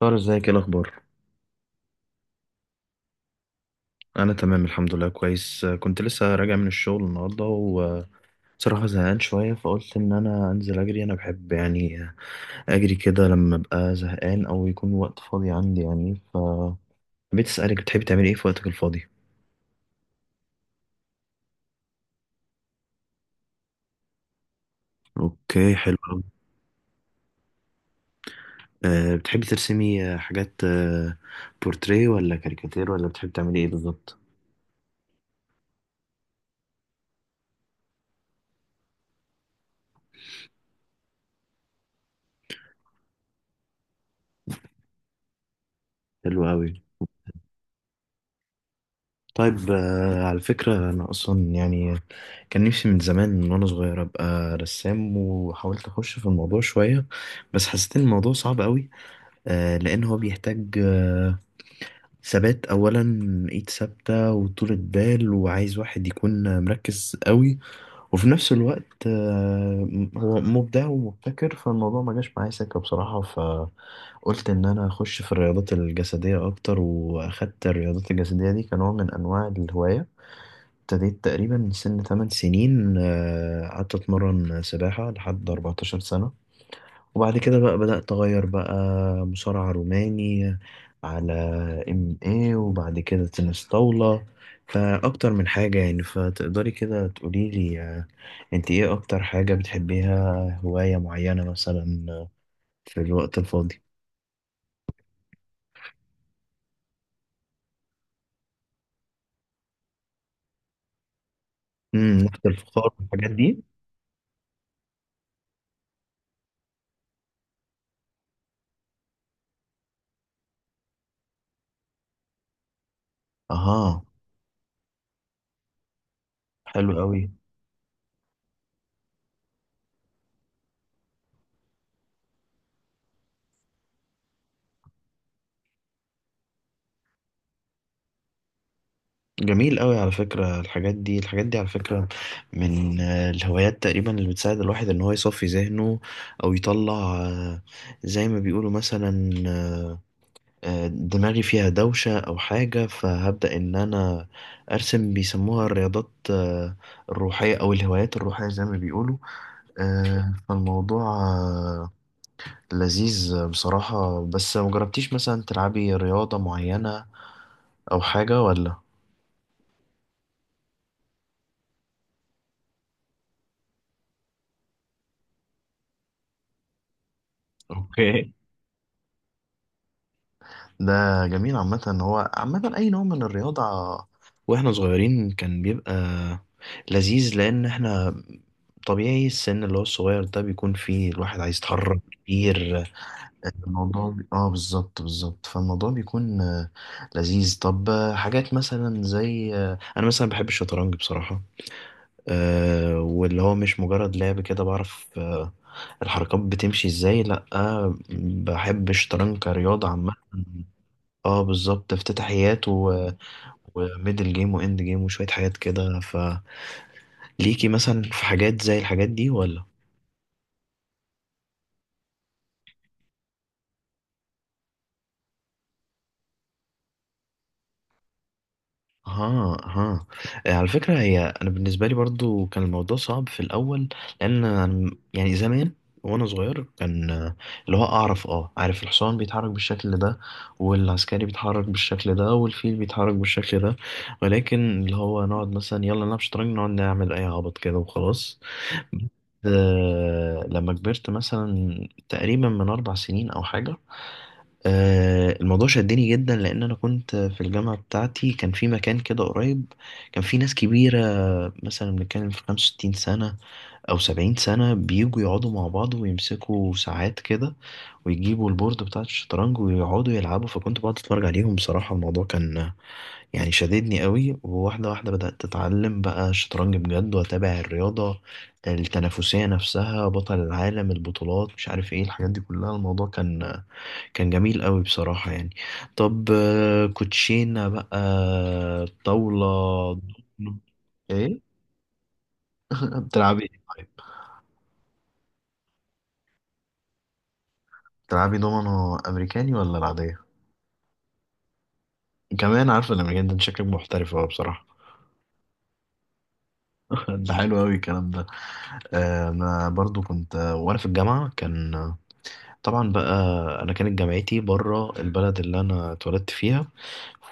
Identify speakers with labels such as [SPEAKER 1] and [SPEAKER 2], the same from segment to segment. [SPEAKER 1] طار، ازيك؟ ايه الاخبار؟ انا تمام الحمد لله كويس. كنت لسه راجع من الشغل النهارده، وصراحه زهقان شويه فقلت ان انا انزل اجري. انا بحب يعني اجري كده لما ابقى زهقان او يكون وقت فاضي عندي، يعني ف حبيت اسالك، بتحبي تعملي ايه في وقتك الفاضي؟ اوكي، حلو أوي. أه، بتحبي ترسمي حاجات، بورتريه ولا كاريكاتير، ولا بتحبي تعملي ايه بالظبط؟ حلو قوي. طيب. على فكرة، أنا أصلا يعني كان نفسي من زمان، من وأنا صغير أبقى رسام، وحاولت أخش في الموضوع شوية، بس حسيت إن الموضوع صعب أوي. لأن هو بيحتاج ثبات أولا، إيد ثابتة وطولة بال، وعايز واحد يكون مركز أوي، وفي نفس الوقت هو مبدع ومبتكر. فالموضوع ما جاش معايا سكة بصراحة، فقلت إن أنا أخش في الرياضات الجسدية أكتر، وأخدت الرياضات الجسدية دي كنوع من أنواع الهواية. ابتديت تقريبا سن 8 سنين، قعدت اتمرن سباحة لحد 14 سنة. وبعد كده بقى بدأت اغير بقى، مصارعة روماني، على ام اي، وبعد كده تنس طاولة، فاكتر من حاجة يعني. فتقدري كده تقولي لي، انت ايه اكتر حاجة بتحبيها؟ هواية معينة مثلا، في الوقت الفاضي؟ نفط الفخار والحاجات دي؟ اها، حلو قوي. جميل قوي. على فكرة الحاجات دي، على فكرة، من الهوايات تقريبا اللي بتساعد الواحد ان هو يصفي ذهنه، او يطلع زي ما بيقولوا مثلا، دماغي فيها دوشة او حاجة فهبدأ ان انا ارسم. بيسموها الرياضات الروحية، او الهوايات الروحية زي ما بيقولوا. فالموضوع لذيذ بصراحة. بس مجربتيش مثلا تلعبي رياضة معينة او حاجة ولا؟ اوكي. ده جميل عامة. هو عامة أي نوع من الرياضة وإحنا صغيرين كان بيبقى لذيذ، لأن إحنا طبيعي السن اللي هو الصغير ده بيكون فيه الواحد عايز يتحرك كتير. الموضوع بي... آه بالظبط بالظبط. فالموضوع بيكون لذيذ. طب حاجات مثلا زي أنا مثلا بحب الشطرنج بصراحة. واللي هو مش مجرد لعب كده بعرف الحركات بتمشي إزاي، لأ، بحب الشطرنج كرياضة عامة. اه بالظبط، افتتاحيات و... وميدل جيم واند جيم وشوية حاجات كده. فليكي مثلا في حاجات زي الحاجات دي ولا؟ ها ها. على فكرة، أنا بالنسبة لي برضو كان الموضوع صعب في الأول، لأن يعني زمان وأنا صغير كان اللي هو أعرف أه عارف الحصان بيتحرك بالشكل ده، والعسكري بيتحرك بالشكل ده، والفيل بيتحرك بالشكل ده، ولكن اللي هو نقعد مثلا يلا نلعب شطرنج، نقعد نعمل أي عبط كده وخلاص. لما كبرت مثلا تقريبا من أربع سنين أو حاجة، الموضوع شدني جدا، لأن أنا كنت في الجامعة بتاعتي، كان في مكان كده قريب، كان في ناس كبيرة، مثلا بنتكلم في 65 سنة أو 70 سنة، بيجوا يقعدوا مع بعض ويمسكوا ساعات كده، ويجيبوا البورد بتاع الشطرنج ويقعدوا يلعبوا. فكنت بقعد أتفرج عليهم بصراحة، الموضوع كان يعني شددني قوي. وواحدة واحدة بدأت أتعلم بقى الشطرنج بجد، وأتابع الرياضة التنافسية نفسها، بطل العالم، البطولات، مش عارف إيه، الحاجات دي كلها. الموضوع كان جميل قوي بصراحة يعني. طب كوتشينة بقى، طاولة، دومينو. إيه؟ بتلعبي إيه طيب؟ بتلعبي دومينو أمريكاني ولا العادية؟ كمان عارفة الأمريكان ده، أنت شكلك محترف أوي بصراحة. ده حلو أوي الكلام ده. أنا برضو كنت وأنا في الجامعة، كان طبعا بقى انا كانت جامعتي بره البلد اللي انا اتولدت فيها،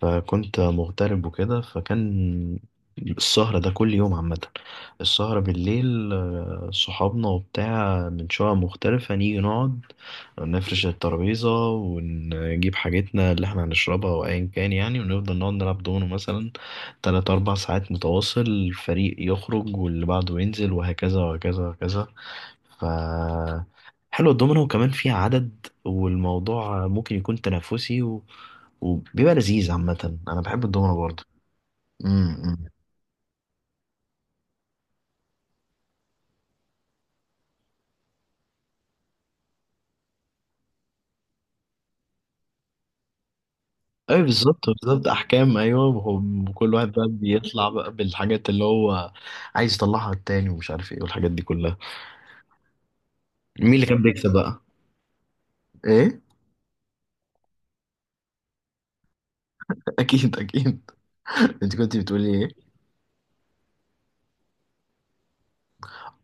[SPEAKER 1] فكنت مغترب وكده، فكان السهرة ده كل يوم عامة. السهرة بالليل، صحابنا وبتاع من شقق مختلفة نيجي نقعد نفرش الترابيزة، ونجيب حاجتنا اللي احنا هنشربها وأيا كان يعني، ونفضل نقعد نلعب دومينو مثلا تلات أربع ساعات متواصل، الفريق يخرج واللي بعده ينزل وهكذا وهكذا وهكذا. ف حلو الدومينو، وكمان فيها عدد، والموضوع ممكن يكون تنافسي و... وبيبقى لذيذ عامة. أنا بحب الدومينو برضه. امم أيوة بالظبط بالظبط، أحكام، أيوة. وكل واحد بقى بيطلع بقى بالحاجات اللي هو عايز يطلعها على التاني، ومش عارف إيه والحاجات دي كلها. مين اللي كان بيكسب بقى؟ إيه؟ أكيد أكيد. أنت كنت بتقولي إيه؟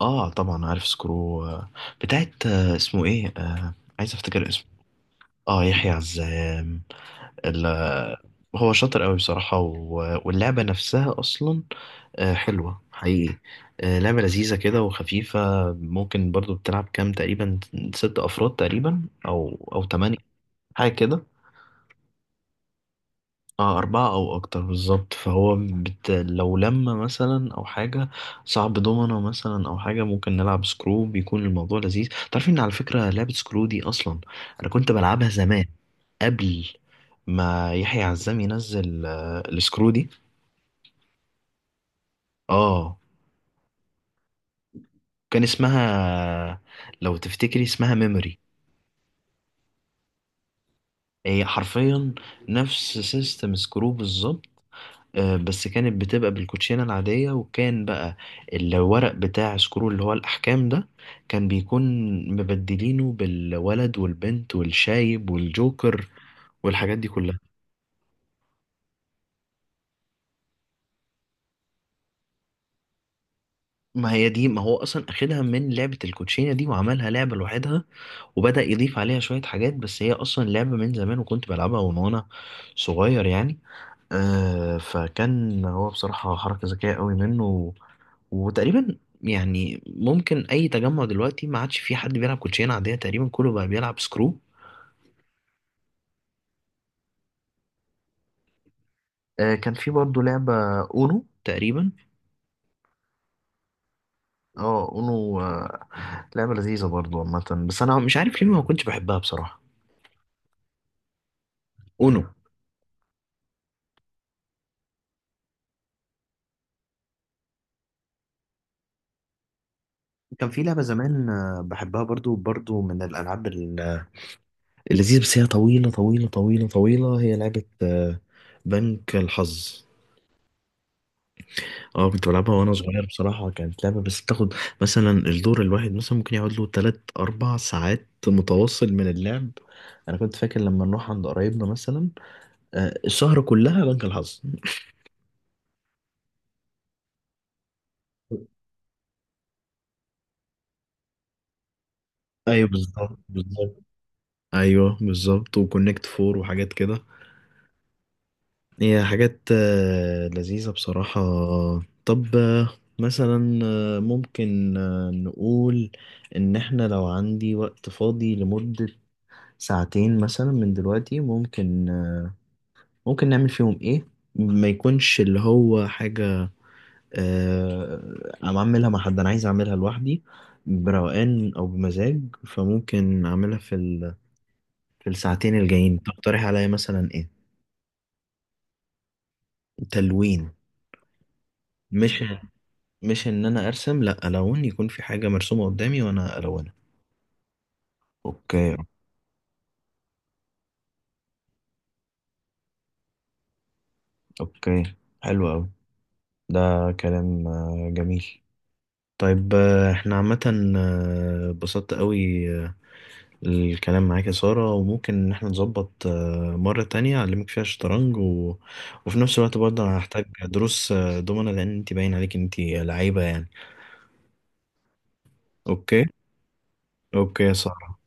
[SPEAKER 1] آه طبعا عارف سكرو. بتاعت اسمه إيه؟ عايز أفتكر اسمه. آه، يحيى عزام. ال- هو شاطر قوي بصراحة، واللعبة نفسها أصلا حلوة حقيقي، لعبة لذيذة كده وخفيفة. ممكن برضو بتلعب كام تقريبا؟ ست أفراد تقريبا أو تمانية، حاجة كده. اه أربعة أو أكتر بالظبط. فهو لو لما مثلا أو حاجة صعب دومنا مثلا أو حاجة، ممكن نلعب سكرو، بيكون الموضوع لذيذ. تعرف إن، على فكرة، لعبة سكرو دي أصلا أنا كنت بلعبها زمان، قبل ما يحيى عزام ينزل السكرو دي. اه كان اسمها، لو تفتكري اسمها، ميموري. هي حرفيا نفس سيستم سكرو بالظبط. بس كانت بتبقى بالكوتشينة العادية، وكان بقى الورق بتاع سكرو اللي هو الأحكام ده كان بيكون مبدلينه بالولد والبنت والشايب والجوكر والحاجات دي كلها. ما هي دي، ما هو أصلا أخدها من لعبة الكوتشينة دي وعملها لعبة لوحدها، وبدأ يضيف عليها شوية حاجات، بس هي أصلا لعبة من زمان، وكنت بلعبها وأنا صغير يعني. فكان هو بصراحة حركة ذكية قوي منه، وتقريبا يعني ممكن أي تجمع دلوقتي ما عادش فيه حد بيلعب كوتشينة عادية تقريبا، كله بقى بيلعب سكرو. كان في برضه لعبة أونو تقريبا. اه أونو. لعبة لذيذة برضه عامة، بس أنا مش عارف ليه ما كنتش بحبها بصراحة. أونو. كان في لعبة زمان بحبها، برضو برضو من الألعاب اللذيذة، بس هي طويلة طويلة طويلة طويلة. هي لعبة بنك الحظ. اه كنت بلعبها وانا صغير بصراحة، كانت لعبة بس بتاخد مثلا الدور الواحد مثلا ممكن يقعد له تلات أربع ساعات متواصل من اللعب. أنا كنت فاكر لما نروح عند قرايبنا مثلا، السهرة كلها بنك الحظ. أيوه بالظبط بالظبط. أيوه بالظبط، وكونكت فور وحاجات كده. هي حاجات لذيذة بصراحة. طب مثلا ممكن نقول إن إحنا لو عندي وقت فاضي لمدة ساعتين مثلا من دلوقتي، ممكن نعمل فيهم ايه؟ ما يكونش اللي هو حاجة انا اعملها مع حد، انا عايز اعملها لوحدي بروقان او بمزاج، فممكن اعملها في في الساعتين الجايين. تقترح عليا مثلا ايه؟ تلوين. مش مش ان انا ارسم، لا، الون، يكون في حاجة مرسومة قدامي وانا الونها. اوكي. اوكي، حلو قوي. ده كلام جميل. طيب احنا عامة اتبسطت قوي الكلام معاك يا سارة، وممكن إن احنا نظبط مرة تانية أعلمك فيها شطرنج و... وفي نفس الوقت برضه أنا هحتاج دروس دومنة، لأن أنت باين عليك أنت لعيبة يعني. أوكي. أوكي يا سارة.